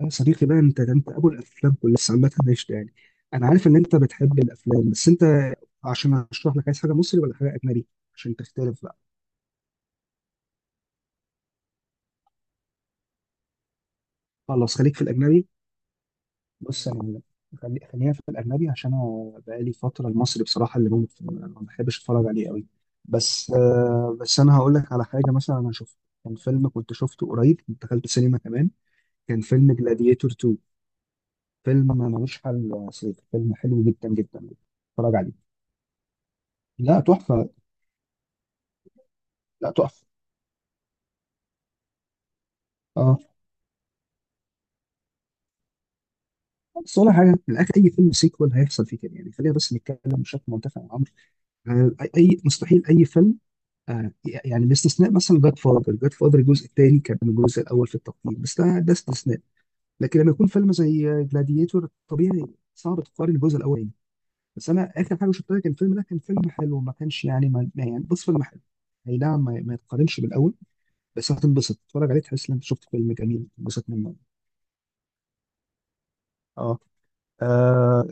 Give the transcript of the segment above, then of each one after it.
يا صديقي بقى، انت ده انت ابو الافلام كلها، بس عامه قشطه. انا عارف ان انت بتحب الافلام، بس انت عشان اشرح لك، عايز حاجه مصري ولا حاجه اجنبي عشان تختلف بقى؟ خلاص خليك في الاجنبي. بص انا، خلينا في الاجنبي عشان انا بقالي فتره المصري بصراحه اللي بموت فيه، انا ما بحبش اتفرج عليه قوي. بس انا هقول لك على حاجه مثلا انا شفته. كان فيلم كنت شفته قريب، كنت دخلت سينما كمان. كان فيلم جلاديتور 2. فيلم ملوش حل يا صديقي، فيلم حلو جدا جدا، اتفرج عليه. لا تحفه، لا تحفه. اه، بس ولا حاجه، في الاخر اي فيلم سيكوال هيحصل فيه كده يعني. خلينا بس نتكلم بشكل منتفع عن الامر. آه، اي مستحيل اي فيلم. آه، يعني باستثناء مثلا جاد فاذر، جاد فاذر الجزء الثاني كان الجزء الاول في التقييم، بس ده استثناء. لكن لما يكون فيلم زي جلاديتور، طبيعي صعب تقارن الجزء الاولاني. بس انا اخر حاجه شفتها كان الفيلم ده، كان فيلم حلو، ما كانش يعني يعني بص فيلم حلو. اي نعم ما يتقارنش بالاول، بس هتنبسط تتفرج عليه، تحس ان انت شفت فيلم جميل تنبسط منه. اه آه،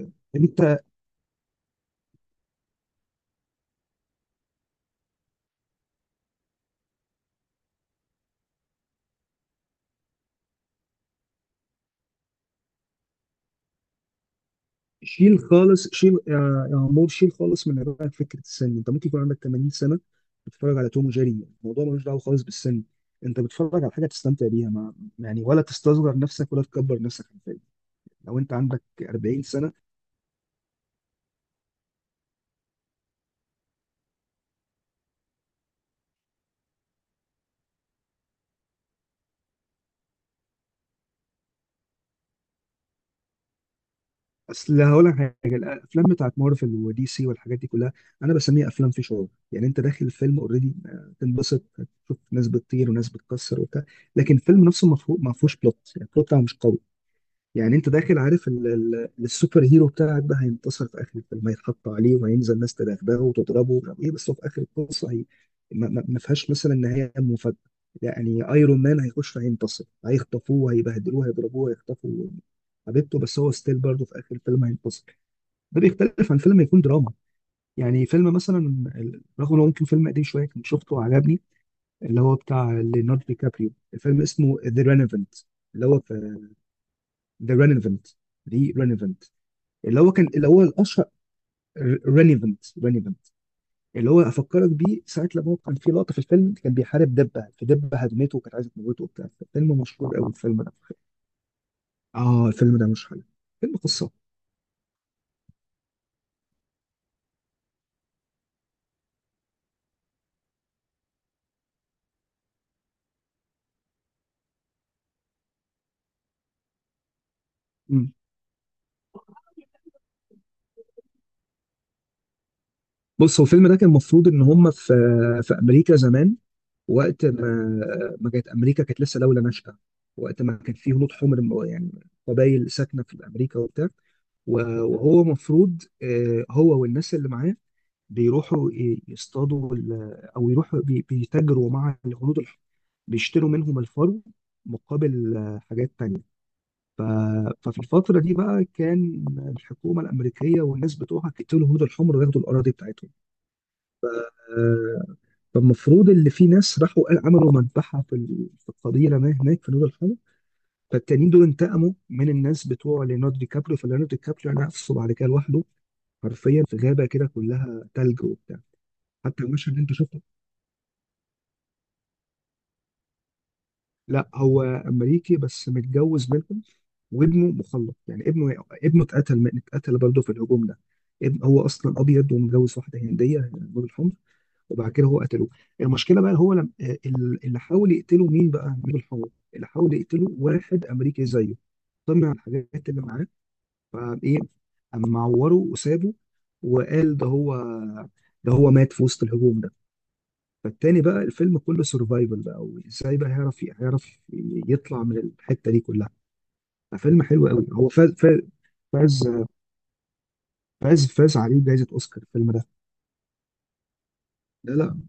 شيل خالص، شيل يا عمور، شيل خالص من دماغك فكره السن. انت ممكن يكون عندك 80 سنه بتتفرج على توم وجيري، الموضوع ملوش دعوه خالص بالسن. انت بتتفرج على حاجه تستمتع بيها، ما يعني ولا تستصغر نفسك ولا تكبر نفسك حرفيا. لو انت عندك 40 سنه. اصل هقول لك حاجه، الافلام بتاعت مارفل ودي سي والحاجات دي كلها، انا بسميها افلام في شعور، يعني انت داخل الفيلم اوريدي تنبسط، تشوف ناس بتطير وناس بتكسر وبتاع، لكن الفيلم نفسه ما فيهوش بلوت، يعني البلوت بتاعه مش قوي. يعني انت داخل عارف السوبر هيرو بتاعك ده هينتصر في اخر الفيلم، هيتحط عليه وهينزل ناس تدغدغه وتضربه ومش عارف ايه، بس هو في اخر القصه هي ما فيهاش مثلا نهايه مفاجاه. يعني ايرون مان هيخش، هينتصر، هيخطفوه، هيبهدلوه، هيضربوه، هيخطفوا حبيبته، بس هو ستيل برضه في اخر الفيلم هينتصر. ده بيختلف عن فيلم يكون دراما. يعني فيلم مثلا رغم انه ممكن فيلم قديم شويه كنت شفته وعجبني، اللي هو بتاع ليوناردو دي كابريو، الفيلم اسمه ذا رينيفنت. اللي هو في ذا رينيفنت، دي رينيفنت، اللي هو كان اللي هو الاشهر. ريليفنت، ريليفنت. اللي هو افكرك بيه ساعه لما هو كان في لقطه في الفيلم كان بيحارب دبه، فدبه هدمته وكانت عايزه تموته وبتاع. فيلم مشهور قوي الفيلم ده. اه الفيلم ده مش حلو، فيلم قصه. مم. بص هو الفيلم ده كان المفروض ان هم في في امريكا زمان، وقت ما ما كانت امريكا كانت لسه دوله ناشئه، وقت ما كان في هنود حمر، يعني قبائل ساكنه في امريكا وبتاع. وهو مفروض هو والناس اللي معاه بيروحوا يصطادوا او يروحوا بيتاجروا مع الهنود الحمر، بيشتروا منهم الفرو مقابل حاجات تانية. ف- ففي الفترة دي بقى كان الحكومة الأمريكية والناس بتوعها قتلوا الهنود الحمر وياخدوا الأراضي بتاعتهم. آه، فالمفروض اللي في ناس راحوا عملوا مذبحة في في القبيلة ما هناك في نور الحرب، فالتانيين دول انتقموا من الناس بتوع ليوناردو دي كابريو. فليوناردو دي كابريو يعني نفسه بعد كده لوحده حرفيا في غابة كده كلها تلج وبتاع. حتى المشهد اللي انت شفته، لا هو أمريكي بس متجوز منهم، وابنه مخلط، يعني ابنه، ابنه اتقتل برضه في الهجوم ده. ابن هو اصلا ابيض ومتجوز واحده هنديه نور الحمر، وبعد كده هو قتلوه. المشكله بقى هو لم... آه، ال- اللي حاول يقتله مين بقى، مين الحوار، اللي حاول يقتله واحد امريكي زيه، طمع الحاجات اللي معاه، فايه قام معوره وسابه، وقال ده هو، ده هو مات في وسط الهجوم ده. فالتاني بقى الفيلم كله سرفايفل بقى، وازاي بقى هيعرف يطلع من الحته دي كلها. ففيلم حلو قوي، هو فاز، فاز فاز فاز عليه جائزه اوسكار الفيلم ده. لا،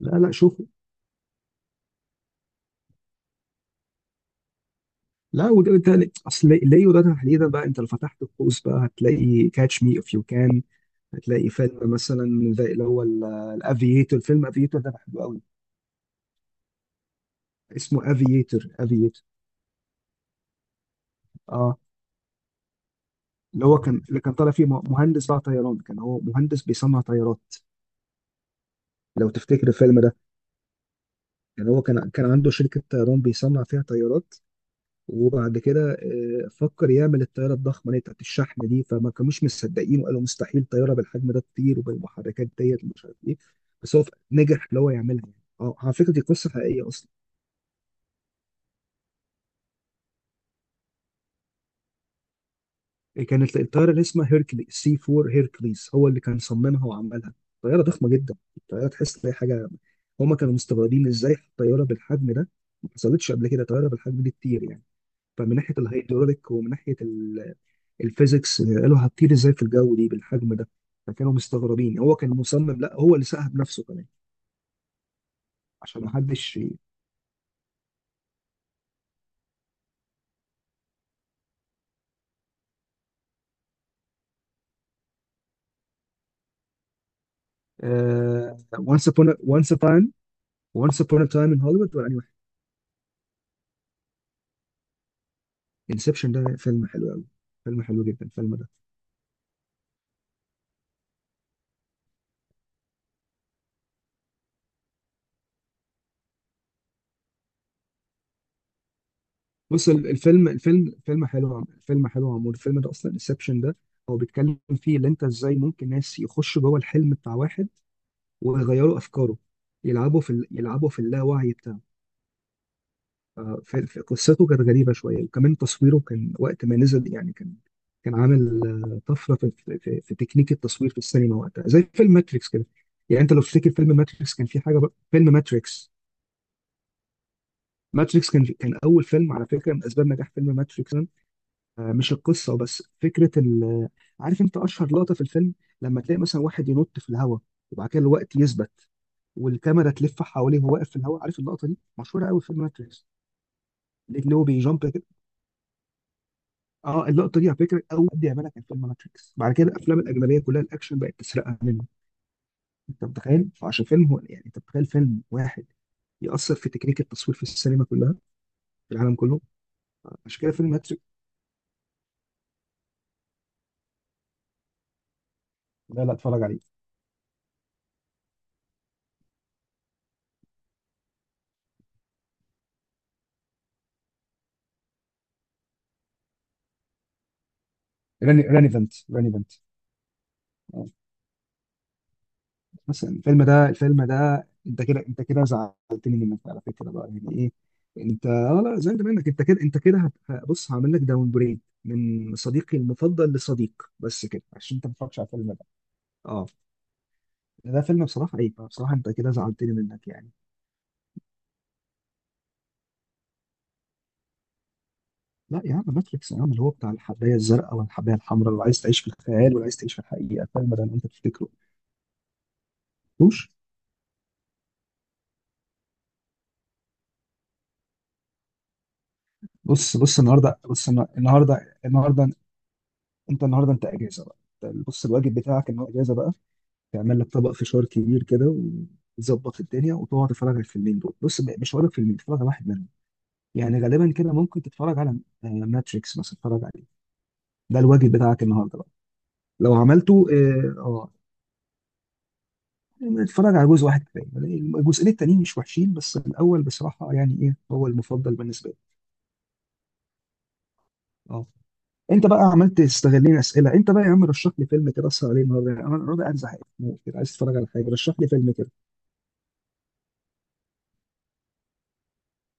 لا شوفه. لا وده بالتالي اصل ليو ده تحديدا بقى انت لو فتحت القوس بقى هتلاقي كاتش مي اف يو كان، هتلاقي فيلم مثلا زي اللي هو الافييتور، فيلم افييتور ده بحبه قوي. اسمه افييتور، افييتور. اه اللي هو كان اللي كان طالع فيه مهندس بقى طيران، كان هو مهندس بيصنع طيارات. لو تفتكر الفيلم ده، كان كان عنده شركة طيران بيصنع فيها طيارات، وبعد كده فكر يعمل الطياره الضخمه اللي هي بتاعت الشحن دي، فما كانوش مصدقين وقالوا مستحيل طياره بالحجم ده تطير وبالمحركات ديت ومش عارف ايه، بس هو نجح اللي هو يعملها يعني. اه على فكره دي قصه حقيقيه اصلا. كانت الطياره اللي اسمها هيركلي سي 4، هيركليز، هو اللي كان صممها وعملها، طياره ضخمه جدا، طياره تحس ان هي حاجه. هما كانوا مستغربين ازاي الطياره بالحجم ده، ما حصلتش قبل كده طياره بالحجم دي تطير يعني. فمن ناحيه الهيدروليك ومن ناحيه الفيزيكس قالوا هتطير ازاي في الجو دي بالحجم ده. فكانوا مستغربين هو كان مصمم، لا هو اللي ساها بنفسه كمان، عشان ما حدش. وانس upon a وانس upon وانس upon a time in Hollywood، ولا أي واحد؟ انسبشن ده فيلم حلو قوي، فيلم حلو جدا الفيلم ده. بص ال- الفيلم الفيلم فيلم حلو، فيلم حلو عمود الفيلم ده اصلا انسبشن ده. هو بيتكلم فيه ان انت ازاي ممكن ناس يخشوا جوه الحلم بتاع واحد ويغيروا افكاره، يلعبوا في يلعبوا في اللاوعي بتاعه. في في قصته كانت غريبة شوية، وكمان تصويره كان وقت ما نزل يعني كان كان عامل طفرة في تكنيك التصوير في السينما وقتها زي فيلم ماتريكس كده. يعني انت لو تفتكر فيلم ماتريكس كان في حاجة بقى فيلم ماتريكس. ماتريكس كان، كان أول فيلم على فكرة، من أسباب نجاح فيلم ماتريكس مش القصة بس، فكرة عارف انت أشهر لقطة في الفيلم؟ لما تلاقي مثلا واحد ينط في الهواء وبعد كده الوقت يثبت، والكاميرا تلف حواليه وهو واقف في الهواء، عارف اللقطة دي مشهورة قوي في فيلم ماتريكس، اللي هو بيجامب. اه اللقطه دي على فكره اول حد يعملها كان فيلم ماتريكس، بعد كده الافلام الاجنبيه كلها الاكشن بقت تسرقها منه. انت متخيل، فعشان فيلم هو، يعني انت متخيل فيلم واحد يأثر في تكنيك التصوير في السينما كلها في العالم كله؟ عشان كده فيلم ماتريكس. لا اتفرج عليه. راني فنت. آه. مثلا الفيلم ده، الفيلم ده انت كده، انت كده زعلتني منك على فكره بقى يعني ايه. انت اه لا، زعلت منك، انت كده، بص هعمل لك داون بريد من صديقي المفضل لصديق بس كده عشان انت ما بتتفرجش على الفيلم ده. اه ده فيلم بصراحة ايه، بصراحة انت كده زعلتني منك يعني. لا يا عم ماتريكس، يا عم اللي هو بتاع الحباية الزرقاء والحباية الحمراء، اللي عايز تعيش في الخيال واللي عايز تعيش في الحقيقة، الفيلم ده اللي انت تفتكره. بوش. بص بص النهاردة، النهاردة، النهاردة انت النهاردة انت اجازة بقى. أنت بص الواجب بتاعك انه اجازة بقى تعمل لك طبق فشار كبير كده وتظبط الدنيا وتقعد تتفرج على الفيلمين دول. بص مش هقول لك فيلمين، تتفرج على واحد منهم يعني. غالبا كده ممكن تتفرج على ماتريكس مثلا، تتفرج عليه، ده الواجب بتاعك النهارده بقى. لو عملته اتفرج على جزء واحد كفايه، الجزئين التانيين مش وحشين، بس الاول بصراحه يعني ايه، هو المفضل بالنسبه لي. اه. انت بقى عملت استغلين اسئله انت بقى، يا عم رشح لي فيلم كده اسهر عليه النهارده. يعني انا النهارده قاعد زهقان موت كده، عايز اتفرج على حاجه، رشح لي فيلم كده.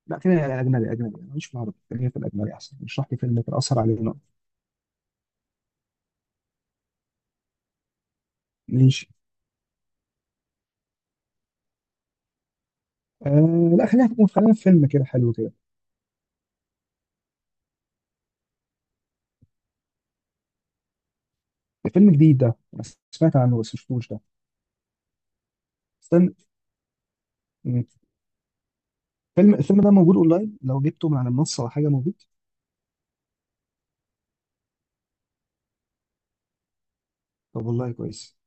لا خلينا اجنبي، اجنبي، انا ماليش في العربي، خلينا في الاجنبي احسن، رشح لي فيلم كده اسهر عليه النهارده. ليش؟ آه لا خلينا في فيلم كده حلو كده. فيلم جديد ده، انا سمعت عنه بس مشفتوش ده. استنى. مم. فيلم، الفيلم ده موجود اونلاين؟ لو جبته من على المنصه ولا حاجه موجود؟ طب والله كويس،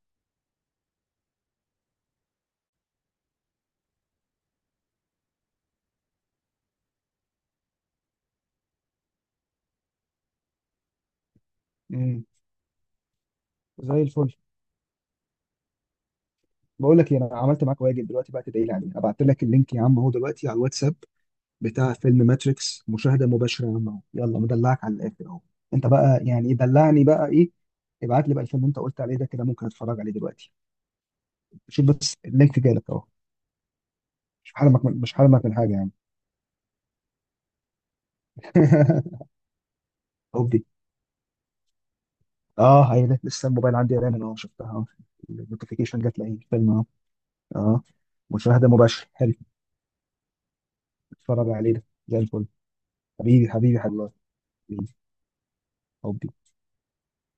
زي الفل. بقول لك إيه، انا عملت معاك واجب دلوقتي بقى تدعي لي عليه، ابعت لك اللينك يا عم اهو دلوقتي على الواتساب بتاع فيلم ماتريكس، مشاهده مباشره يا عم اهو، يلا مدلعك على الاخر اهو. انت بقى يعني إيه، دلعني بقى ايه، ابعت لي بقى الفيلم اللي انت قلت عليه ده، كده ممكن اتفرج عليه دلوقتي. شوف بس اللينك جالك اهو. مش حرمك من حاجه يعني. هوبي. اه هي ده. لسه الموبايل عندي رن اهو، شفتها اهو، النوتيفيكيشن جت لي الفيلم اهو. اه مشاهده مباشره، حلو. اتفرج عليه ده، زي الفل. حبيبي، حبيبي، حبيبي. هوبي.